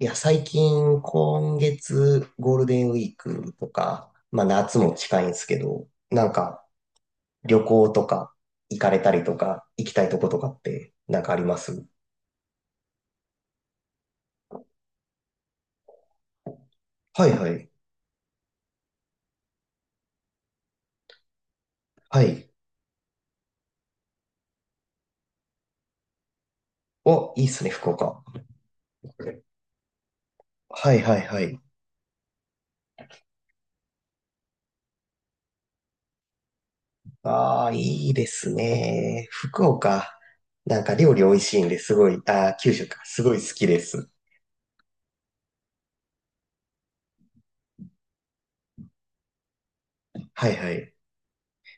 いや、最近、今月、ゴールデンウィークとか、まあ夏も近いんですけど、なんか旅行とか行かれたりとか、行きたいとことかってなんかあります？はいはい。はい。お、いいっすね、福岡。はいはいはい。ああ、いいですね。福岡。なんか料理美味しいんですごい、ああ、九州か。すごい好きです。はいはい。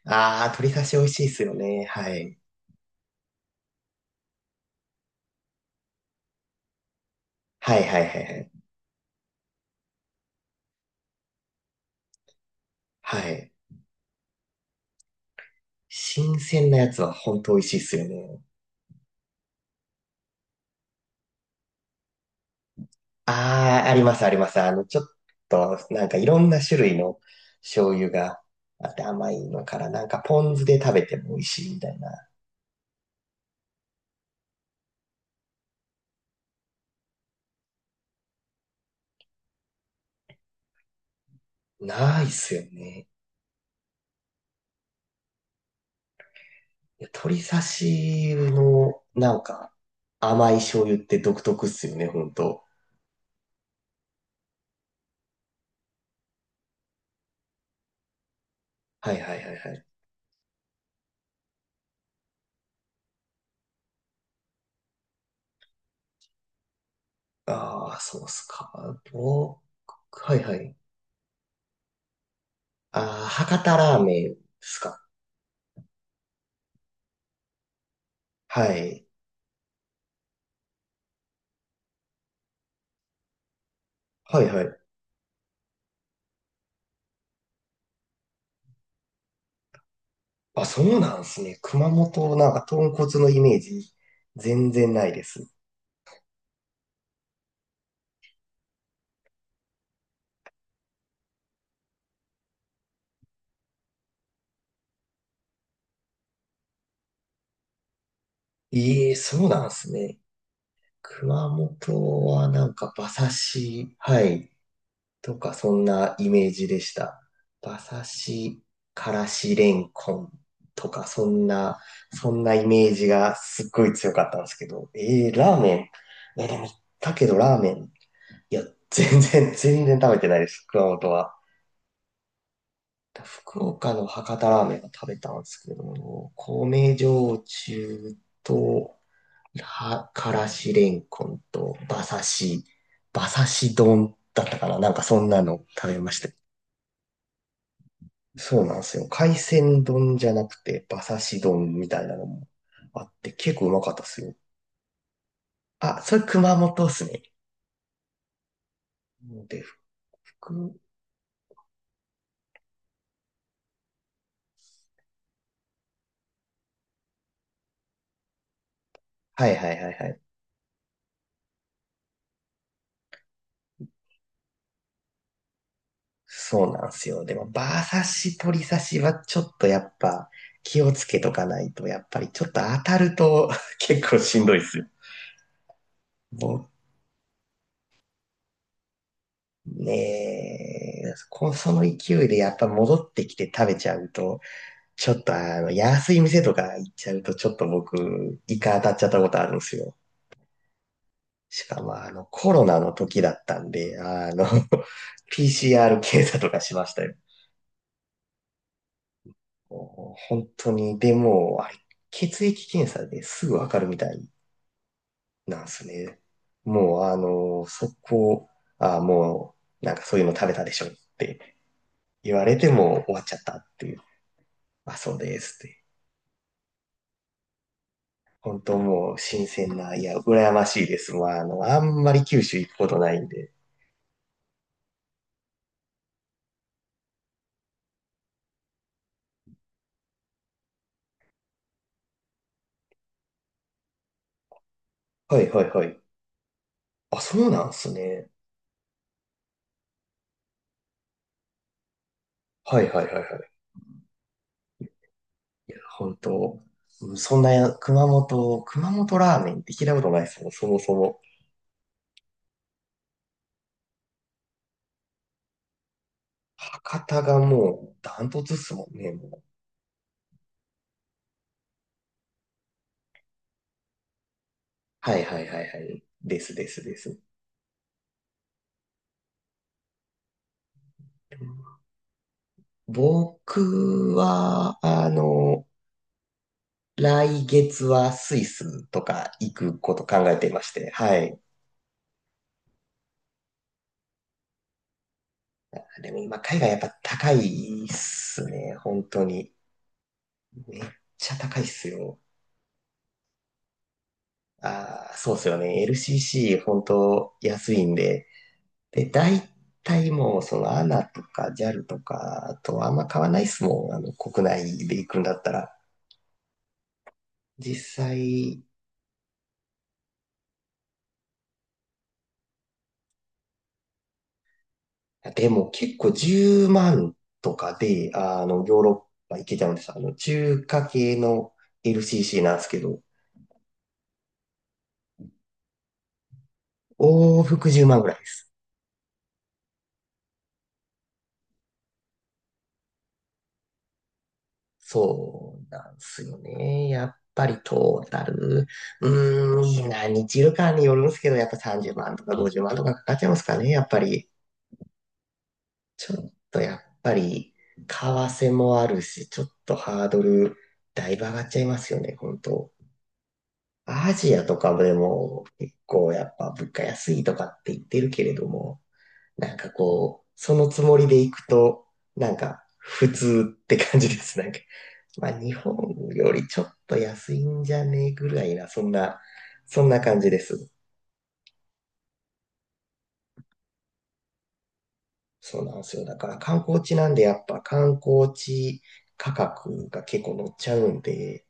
ああ、鶏刺し美味しいっすよね。はい。はいはいはいはい。はい。新鮮なやつは本当美味しいっすよね。ああ、あります、あります。あの、ちょっと、なんかいろんな種類の醤油があって甘いのから、なんかポン酢で食べても美味しいみたいな。ないっすよね。いや、鶏刺しの、なんか甘い醤油って独特っすよね、本当。はいはいはいはい。ああ、そうっすか。お、はいはい。ああ、博多ラーメンっすか。はい。はいはい。あ、そうなんすね。熊本、なんか豚骨のイメージ全然ないです。ええ、そうなんすね。熊本はなんか馬刺し、はい、とかそんなイメージでした。馬刺し、からしれんこんとかそんな、そんなイメージがすっごい強かったんですけど、ええ、ラーメン。え、でも、だけどラーメン。いや、全然、全然食べてないです、熊本は。福岡の博多ラーメンが食べたんですけども、米焼酎と、はからしれんこんと、馬刺し、馬刺し丼だったかななんかそんなの食べました。そうなんですよ。海鮮丼じゃなくて、馬刺し丼みたいなのもあって、結構うまかったですよ。あ、それ熊本っすね。で、福、はいはいはいはい。そうなんですよ。でも、バー刺し、取り刺しはちょっとやっぱ気をつけとかないと、やっぱりちょっと当たると 結構しんどいっすよ。もうねえ、こその勢いでやっぱ戻ってきて食べちゃうと、ちょっとあの、安い店とか行っちゃうと、ちょっと僕、イカ当たっちゃったことあるんですよ。しかもあの、コロナの時だったんで、あの、PCR 検査とかしましたよ。お本当に、でも、あれ、血液検査ですぐわかるみたいなんですね。もう、あの、そこ、あ、もう、なんかそういうの食べたでしょって言われても終わっちゃったっていう。まあ、そうですって。本当もう新鮮な、いや、羨ましいです。まあ、あの、あんまり九州行くことないんで。はいはいはい。あ、そうなんですね。はいはいはいはい。本当、うんそんなや、熊本ラーメンって聞いたことないですもん、そもそも。博多がもうダントツっすもんね、もう。はいはいはいはい。ですですです。僕は、あの、来月はスイスとか行くこと考えていまして、はい。でも今、海外やっぱ高いっすね、本当に。めっちゃ高いっすよ。ああ、そうっすよね。LCC、本当安いんで。で、大体もう、その ANA とか JAL とかとあんま買わないっすもん。あの、国内で行くんだったら。実際、でも結構10万とかで、あの、ヨーロッパ行けちゃうんです。あの、中華系の LCC なんですけど、往復10万ぐらいです。そうなんですよね。やっぱりトータル、何日いるかによるんですけど、やっぱ30万とか50万とかかかっちゃいますかね、やっぱり。ちょっとやっぱり、為替もあるし、ちょっとハードル、だいぶ上がっちゃいますよね、本当。アジアとかでも結構やっぱ物価安いとかって言ってるけれども、なんかこう、そのつもりで行くと、なんか普通って感じです。なんか、まあ日本よりちょっと安いんじゃねえぐらいな、そんな、そんな感じです。そうなんですよ。だから観光地なんでやっぱ観光地価格が結構乗っちゃうんで、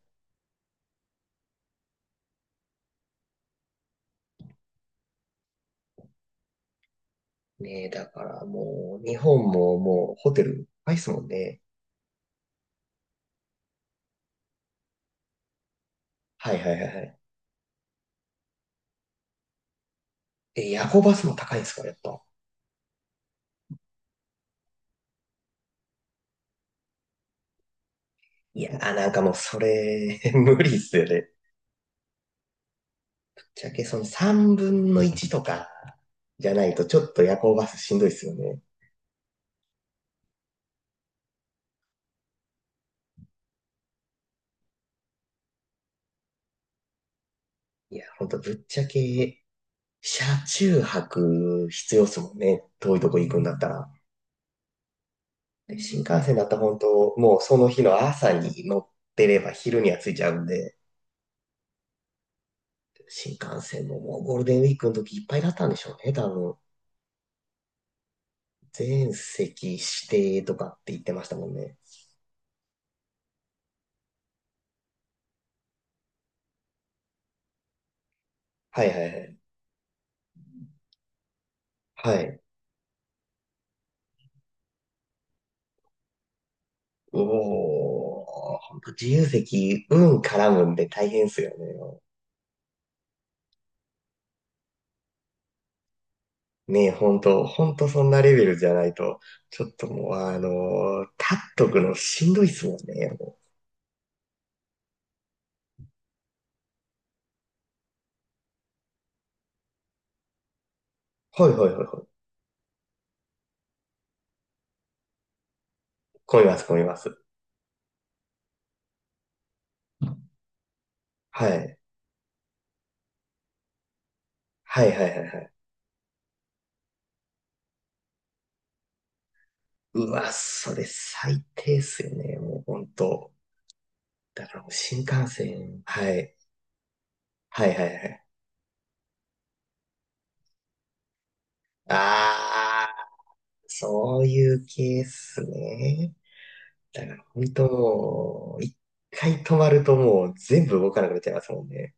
ねえ、だからもう日本ももうホテル高いっすもんね。はいはいはいはい。え、夜行バスも高いんですか、やっぱ。いやー、なんかもうそれ、無理っすよね。ぶっちゃけその3分の1とかじゃないとちょっと夜行バスしんどいっすよね。いや、ほんとぶっちゃけ、車中泊必要っすもんね。遠いとこ行くんだったら。で新幹線だったら本当、もうその日の朝に乗ってれば昼には着いちゃうんで、新幹線ももうゴールデンウィークの時いっぱいだったんでしょうね、多分。全席指定とかって言ってましたもんね。はいはいはい。はい。おー、ほんと自由席、運絡むんで大変っすよね。ねえ、ほんと、ほんとそんなレベルじゃないと、ちょっともう、立っとくのしんどいっすもんね。もうはいはいはいはい。混みます、混みます。はい。はいはいはいはい。うわ、それ最低っすよね。もうほんと。だからもう新幹線。はい。はいはいはい。あー、そういうケースね。だから本当、一回止まるともう全部動かなくなっちゃいますもんね。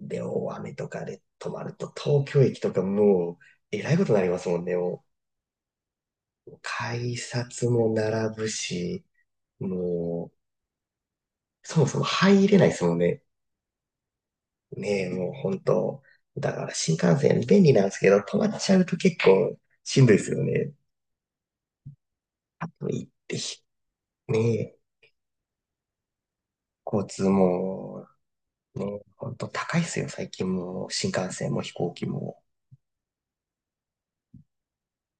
で、大雨とかで止まると東京駅とかもうえらいことになりますもんね。もう改札も並ぶし、もうそもそも入れないですもんね。ねえ、もう本当。だから新幹線便利なんですけど、止まっちゃうと結構しんどいですよね。あと行ってひ、ねえ、交通も、ねえ、本当高いですよ、最近も。新幹線も飛行機も。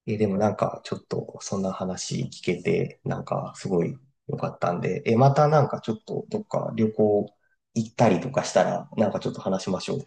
え、でもなんか、ちょっと、そんな話聞けて、なんか、すごい良かったんで、え、またなんかちょっと、どっか旅行行ったりとかしたら、なんかちょっと話しましょう。